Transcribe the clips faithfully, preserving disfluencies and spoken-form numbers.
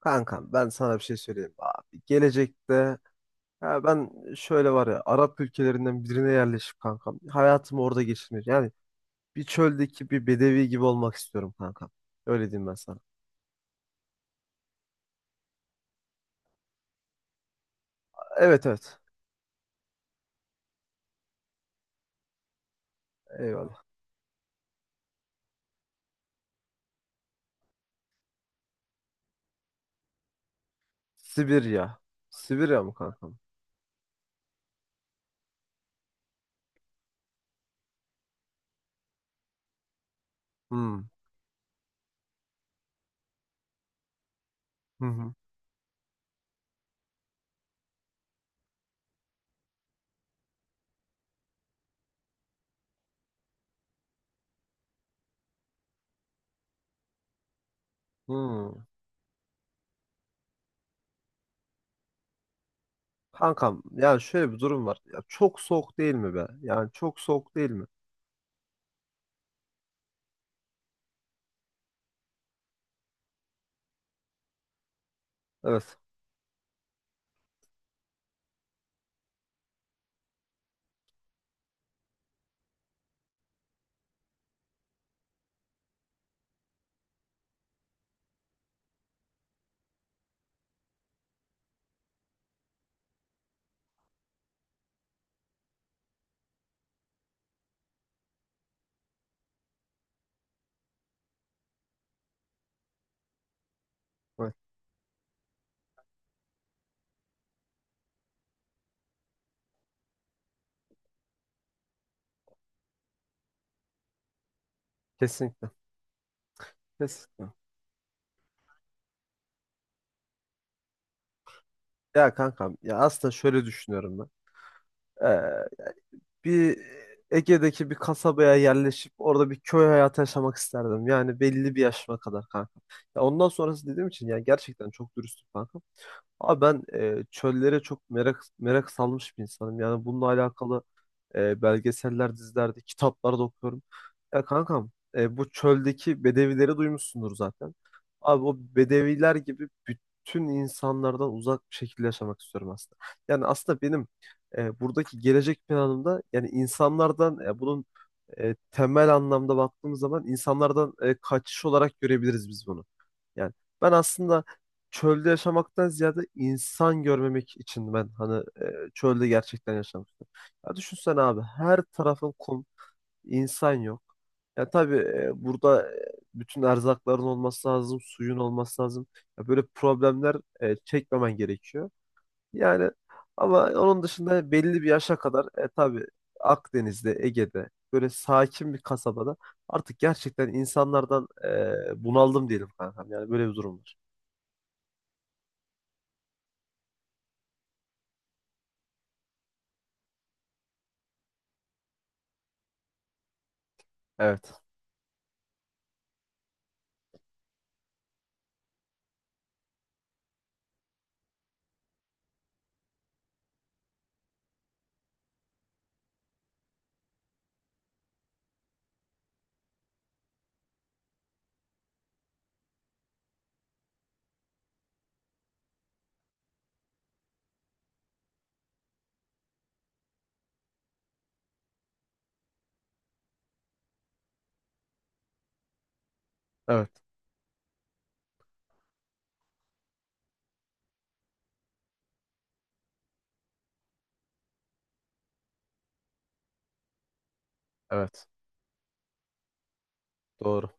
Kankam, ben sana bir şey söyleyeyim abi. Gelecekte ya ben şöyle, var ya, Arap ülkelerinden birine yerleşip kankam hayatımı orada geçirmek. Yani bir çöldeki bir bedevi gibi olmak istiyorum kankam. Öyle diyeyim ben sana. Evet, evet. Eyvallah. Sibirya. Sibirya mı kankam? Hmm. Hı hı. Hmm. Kankam, yani şöyle bir durum var. Ya çok soğuk değil mi be? Yani çok soğuk değil mi? Evet. Evet. Kesinlikle. Kesinlikle. Ya kankam, ya aslında şöyle düşünüyorum ben. Ee, Bir Ege'deki bir kasabaya yerleşip orada bir köy hayatı yaşamak isterdim. Yani belli bir yaşıma kadar kanka. Ya ondan sonrası dediğim için yani gerçekten çok dürüstüm kanka. Abi ben e, çöllere çok merak merak salmış bir insanım. Yani bununla alakalı e, belgeseller, dizilerde, kitaplarda okuyorum. Ya kankam, e, bu çöldeki bedevileri duymuşsundur zaten. Abi o bedeviler gibi bütün insanlardan uzak bir şekilde yaşamak istiyorum aslında. Yani aslında benim e, buradaki gelecek planımda, yani insanlardan, e, bunun e, temel anlamda baktığımız zaman insanlardan e, kaçış olarak görebiliriz biz bunu. Yani ben aslında çölde yaşamaktan ziyade insan görmemek için ben hani e, çölde gerçekten yaşamak istiyorum. Ya düşünsene abi, her tarafın kum, insan yok. Ya tabii e, burada, e, bütün erzakların olması lazım, suyun olması lazım. Ya böyle problemler e, çekmemen gerekiyor. Yani ama onun dışında belli bir yaşa kadar e, tabii Akdeniz'de, Ege'de böyle sakin bir kasabada artık gerçekten insanlardan e, bunaldım diyelim kankam. Yani böyle bir durum var. Evet, evet, evet. Doğru.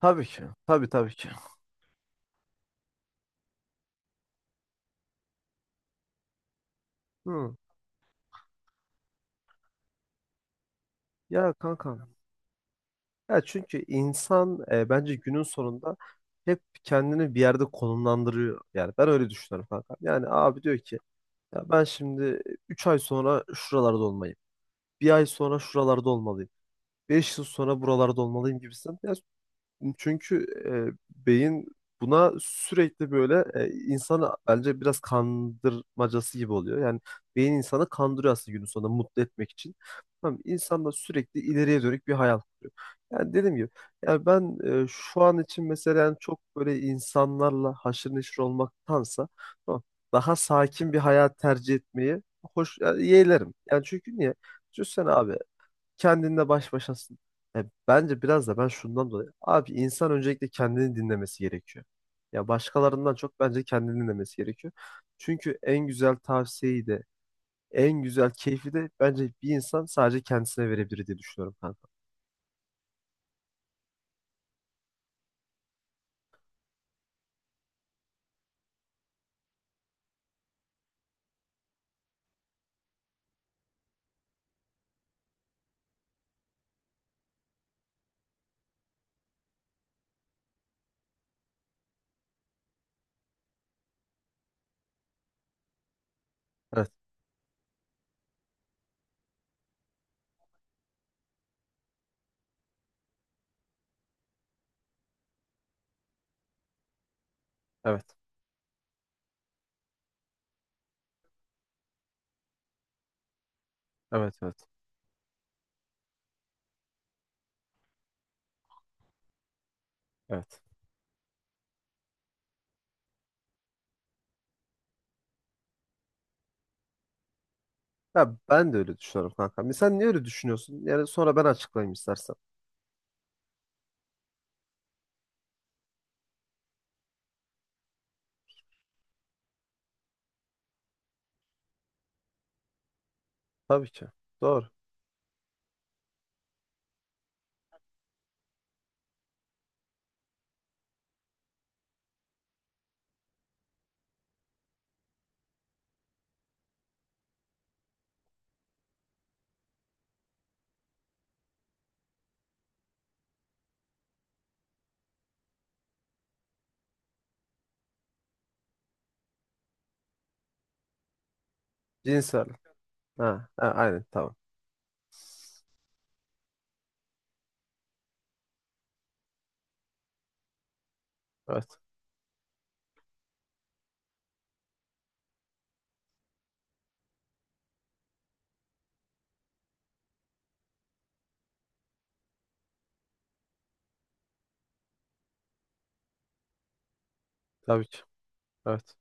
Tabii ki, tabii, tabii ki. Hı. Ya kankam. Ya çünkü insan, e, bence günün sonunda hep kendini bir yerde konumlandırıyor. Yani ben öyle düşünüyorum kanka. Yani abi diyor ki, ya ben şimdi üç ay sonra şuralarda olmalıyım. Bir ay sonra şuralarda olmalıyım. Beş yıl sonra buralarda olmalıyım gibisin. Ya çünkü e, beyin buna sürekli böyle, e, insanı bence biraz kandırmacası gibi oluyor. Yani beyin insanı kandırıyor aslında günün sonunda mutlu etmek için. Tamam, insan da sürekli ileriye dönük bir hayal kuruyor. Yani dediğim gibi, yani ben e, şu an için mesela, yani çok böyle insanlarla haşır neşir olmaktansa, tamam, daha sakin bir hayat tercih etmeyi hoş, yani yeğlerim. Yani çünkü niye? Düşünsene abi, kendinle baş başasın. E, bence biraz da ben şundan dolayı. Abi insan öncelikle kendini dinlemesi gerekiyor. Ya başkalarından çok bence kendini dinlemesi gerekiyor. Çünkü en güzel tavsiyeyi de en güzel keyfi de bence bir insan sadece kendisine verebilir diye düşünüyorum kanka. Evet, evet, evet, evet, evet. Ya ben de öyle düşünüyorum kanka. Sen niye öyle düşünüyorsun? Yani sonra ben açıklayayım istersen. Tabii ki. Doğru. Cinsel. Ha, ha, aynen, tamam. Evet, tabii ki. Evet.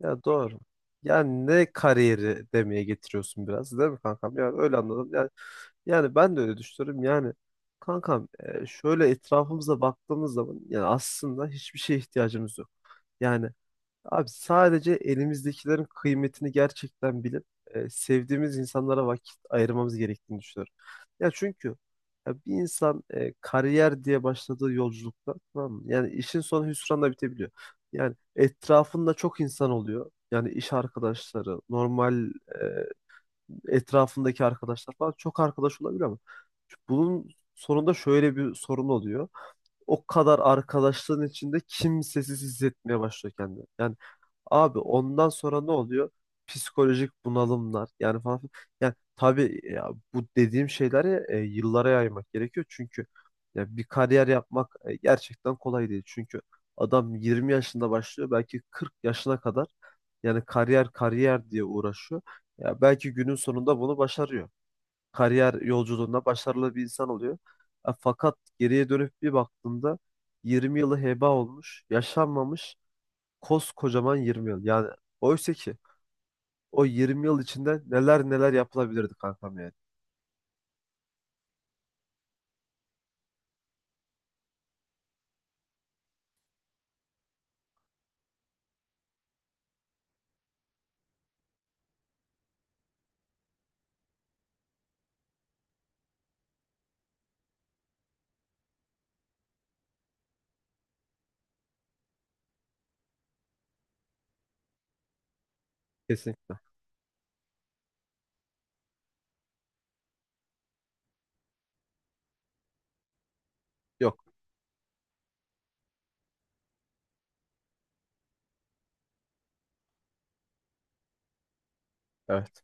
Ya doğru. Yani ne kariyeri demeye getiriyorsun biraz, değil mi kankam? Yani öyle anladım. Yani, yani ben de öyle düşünüyorum. Yani kankam, e, şöyle etrafımıza baktığımız zaman yani aslında hiçbir şeye ihtiyacımız yok. Yani abi, sadece elimizdekilerin kıymetini gerçekten bilip e, sevdiğimiz insanlara vakit ayırmamız gerektiğini düşünüyorum. Ya çünkü ya bir insan, e, kariyer diye başladığı yolculukta, tamam mı, yani işin sonu hüsranla bitebiliyor. Yani etrafında çok insan oluyor. Yani iş arkadaşları, normal e, etrafındaki arkadaşlar falan çok arkadaş olabilir ama bunun sonunda şöyle bir sorun oluyor: o kadar arkadaşlığın içinde kimsesiz hissetmeye başlıyor kendini. Yani abi, ondan sonra ne oluyor? Psikolojik bunalımlar yani falan filan. Yani tabii ya, bu dediğim şeyleri e, yıllara yaymak gerekiyor. Çünkü ya bir kariyer yapmak e, gerçekten kolay değil. Çünkü adam yirmi yaşında başlıyor, belki kırk yaşına kadar yani kariyer kariyer diye uğraşıyor. Ya belki günün sonunda bunu başarıyor, kariyer yolculuğunda başarılı bir insan oluyor. E, fakat geriye dönüp bir baktığımda yirmi yılı heba olmuş, yaşanmamış koskocaman yirmi yıl. Yani oysa ki o yirmi yıl içinde neler neler yapılabilirdi kankam, yani. Kesinlikle. Yok. Evet.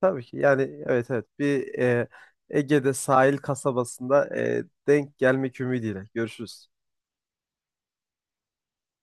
Tabii ki, yani, evet, evet, bir e, Ege'de sahil kasabasında e, denk gelmek ümidiyle. Görüşürüz.